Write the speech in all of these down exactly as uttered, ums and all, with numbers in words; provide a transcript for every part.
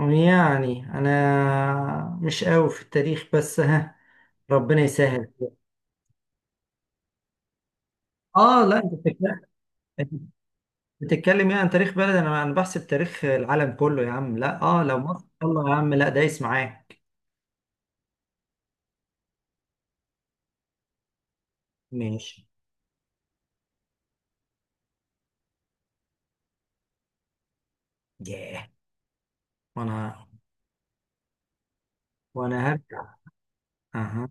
يعني انا مش قوي في التاريخ، بس ها ربنا يسهل. اه لا، انت بتتكلم بتتكلم يعني عن تاريخ بلد. انا انا بحسب تاريخ العالم كله يا عم، لا اه لو مصر يلا يا عم، لا دايس معاك. ماشي. ياه. وانا وانا هرجع. اها،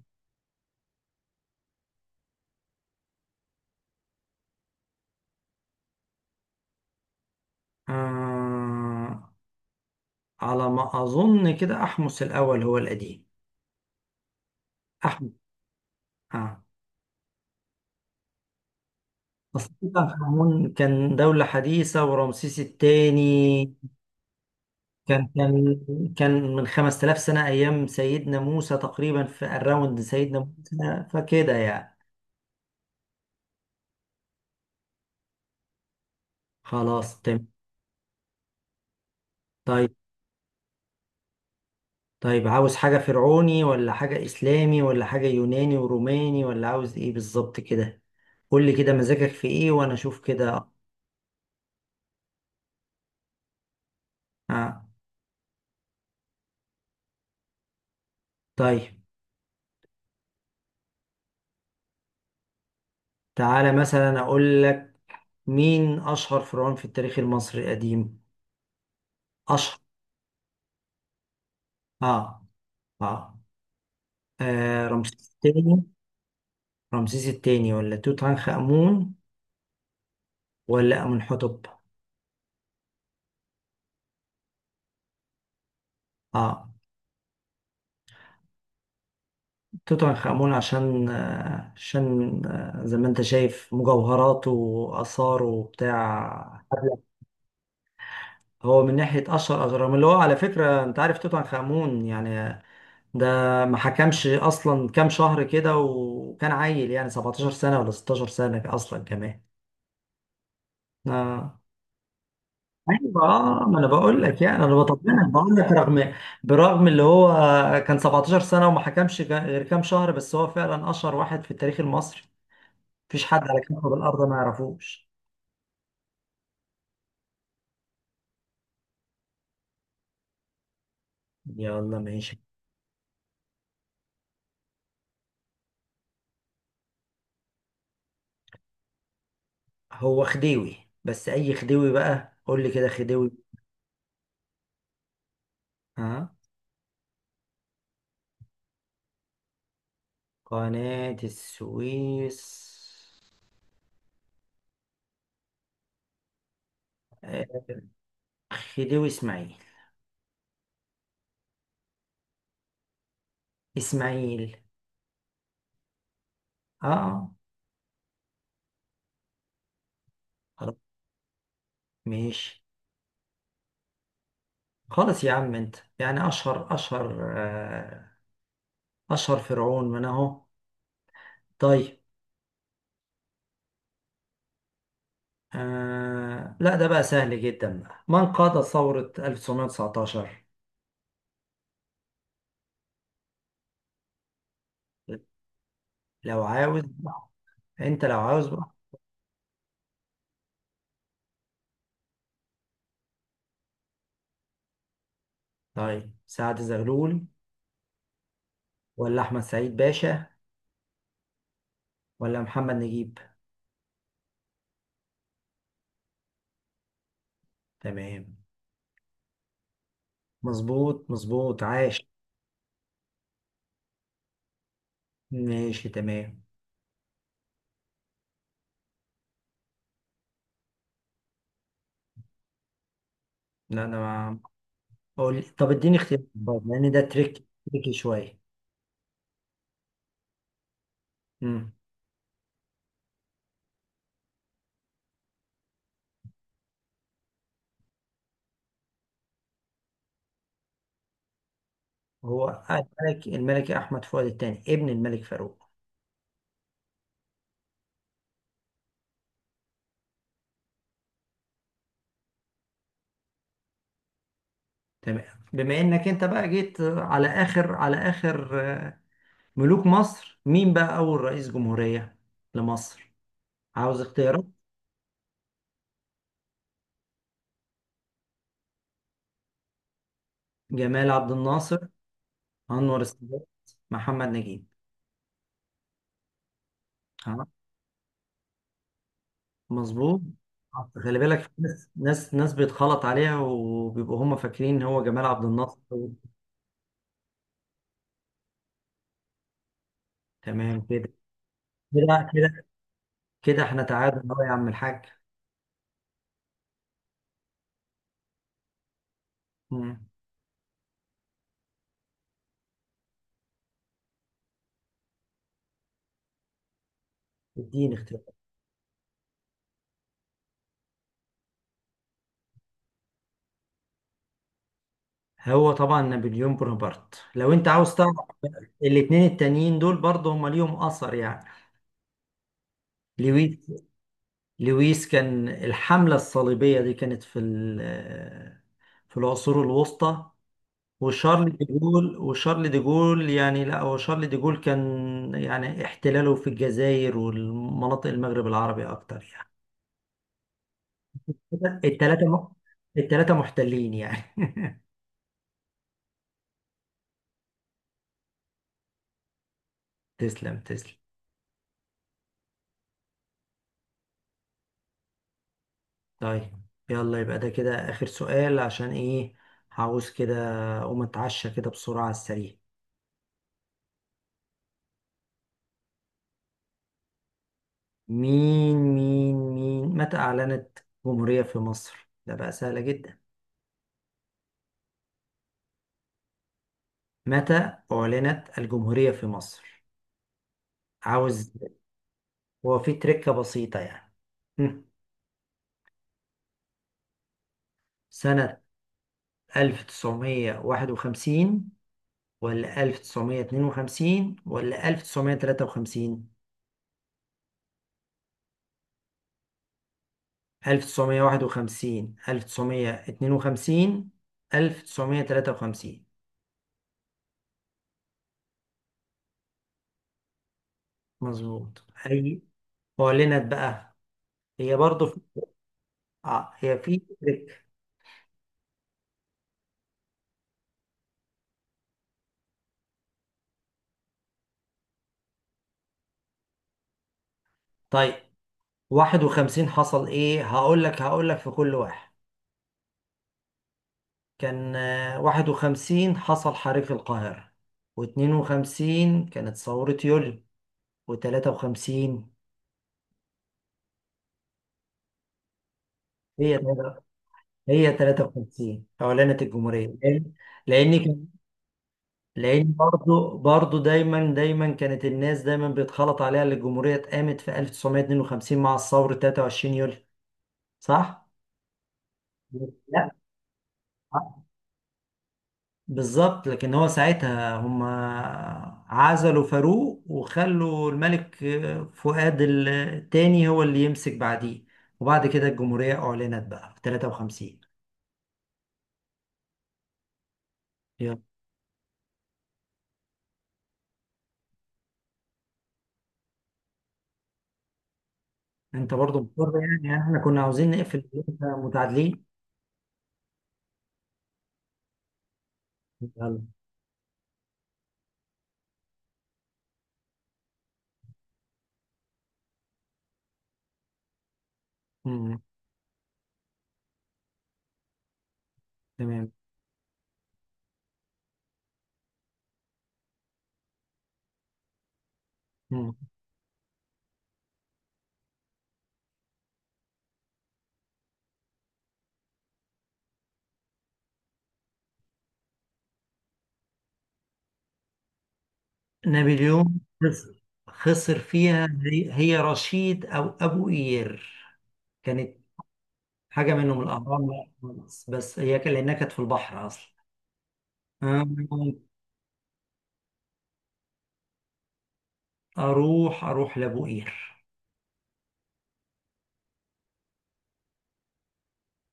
آه على ما اظن كده احمس الاول هو القديم، احمس، اه. اصل توت عنخ آمون كان دولة حديثة، ورمسيس الثاني كان كان كان من خمس آلاف سنة، أيام سيدنا موسى تقريبا، في الراوند سيدنا موسى، فكده يعني. خلاص تمام. طيب، طيب، عاوز حاجة فرعوني ولا حاجة إسلامي ولا حاجة يوناني وروماني، ولا عاوز إيه بالظبط كده؟ قول لي كده مزاجك في إيه وأنا أشوف كده. آه. طيب، تعالى مثلا أقول لك، مين أشهر فرعون في التاريخ المصري القديم؟ أشهر. آه آه, آه رمسيس الثاني. رمسيس الثاني ولا توت عنخ آمون ولا أمنحتب؟ اه توت عنخ آمون، عشان آه، عشان آه، زي ما انت شايف مجوهراته وآثاره وبتاع. هو من ناحية أشهر أهرام، اللي هو على فكرة أنت عارف توت عنخ آمون يعني، ده ما حكمش أصلا كام شهر كده، وكان عيل يعني سبعتاشر سنة ولا ستاشر سنة أصلا كمان. آه. ايوه، اه ما انا بقول لك يعني، انا بطمنك بقول لك، رغم برغم اللي هو كان سبعة عشر سنه وما حكمش جا- غير كام شهر، بس هو فعلا اشهر واحد في التاريخ المصري. مفيش حد على كوكب الارض ما يعرفوش. يلا ماشي. هو خديوي، بس اي خديوي بقى؟ قول لي كده خديوي. ها قناة السويس. آه، خديوي اسماعيل. اسماعيل. اه آه، خلاص، ماشي. خلاص يا عم انت يعني، اشهر اشهر أشهر فرعون من أهو. طيب. آه... لا ده بقى سهل جدا بقى، من قاد ثورة ألف وتسعمية وتسعتاشر؟ لو عاوز بقى. أنت لو عاوز بقى. طيب، سعد زغلول ولا أحمد سعيد باشا ولا محمد نجيب؟ تمام. مظبوط، مظبوط، عاش. ماشي تمام. لا أنا ما أقول، طب اديني اختيار برضه، لأن ده تريك تريكي شويه. مم. هو الملك الملك أحمد فؤاد الثاني، ابن الملك فاروق. تمام. بما انك انت بقى جيت على اخر على اخر آه، ملوك مصر، مين بقى اول رئيس جمهورية لمصر؟ عاوز اختيارات؟ جمال عبد الناصر، انور السادات، محمد نجيب. ها مظبوط. خلي بالك، في ناس ناس ناس بيتخلط عليها وبيبقوا هم فاكرين ان هو جمال عبد الناصر. تمام كده كده كده كده احنا تعادل اهو يا عم الحاج. مم. اديني اختيار. هو طبعا نابليون بونابرت لو انت عاوز تعرف. الاتنين التانيين دول برضه هما ليهم اثر يعني. لويس لويس كان الحملة الصليبية دي كانت في ال- في العصور الوسطى. وشارل دي جول وشارل دي جول يعني، لا هو شارل دي جول كان يعني احتلاله في الجزائر والمناطق المغرب العربي اكتر يعني. التلاتة م- التلاتة محتلين يعني. تسلم، تسلم. طيب، يلا يبقى ده كده آخر سؤال، عشان ايه هعوز كده أقوم أتعشى كده بسرعة على السريع. مين مين مين متى أعلنت الجمهورية في مصر؟ ده بقى سهلة جدا. متى أعلنت الجمهورية في مصر؟ عاوز؟ هو في تركة بسيطة يعني. هم. سنة ألف وتسعمية وواحد وخمسين ولا ألف وتسعمية واتنين وخمسين ولا ألف وتسعمية وتلاتة وخمسين؟ ألف وتسعمية وواحد وخمسين، ألف وتسعمية واتنين وخمسين، ألف وتسعمية وتلاتة وخمسين. مظبوط. هي أعلنت بقى، هي برضه في... آه هي في. طيب، واحد وخمسين حصل إيه هقول لك، هقول لك في كل واحد. كان آه، واحد وخمسين حصل حريق القاهرة، و52 كانت ثورة يوليو، و53. هي هي تلاتة وخمسين أعلنت الجمهورية. لأن لأن لان برضو برضو دايما دايما كانت الناس دايما بيتخلط عليها، اللي الجمهوريه اتقامت في ألف وتسعمية واتنين وخمسين مع الثوره تلاتة وعشرين يوليو. صح؟ لا صح. بالظبط، لكن هو ساعتها هم عزلوا فاروق وخلوا الملك فؤاد الثاني هو اللي يمسك بعديه، وبعد كده الجمهوريه اعلنت بقى في ثلاثة وخمسين. يلا، انت برضو مضطر يعني، احنا كنا عاوزين نقفل، إحنا متعادلين. يلا. أمم، تمام. أمم. نابليون خسر. خسر فيها، هي هي رشيد او ابو قير كانت. حاجه منهم. الاهرام لا خالص، بس هي كان لانها كانت في البحر اصلا. أم، اروح اروح لابو قير.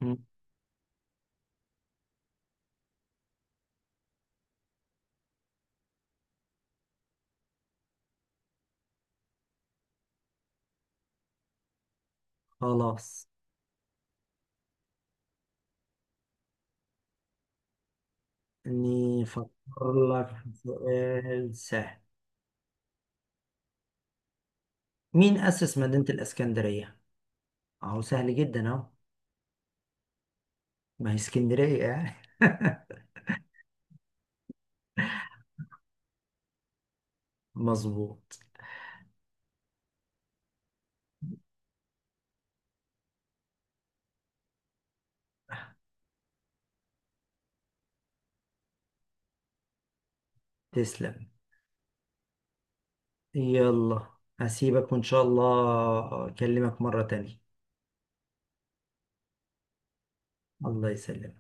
أم، خلاص اني افكر لك في سؤال سهل. مين اسس مدينه الاسكندريه؟ اهو سهل جدا اهو. ما هي اسكندريه يعني. مظبوط. تسلم. يلا، هسيبك وان شاء الله اكلمك مره تانية. الله يسلمك.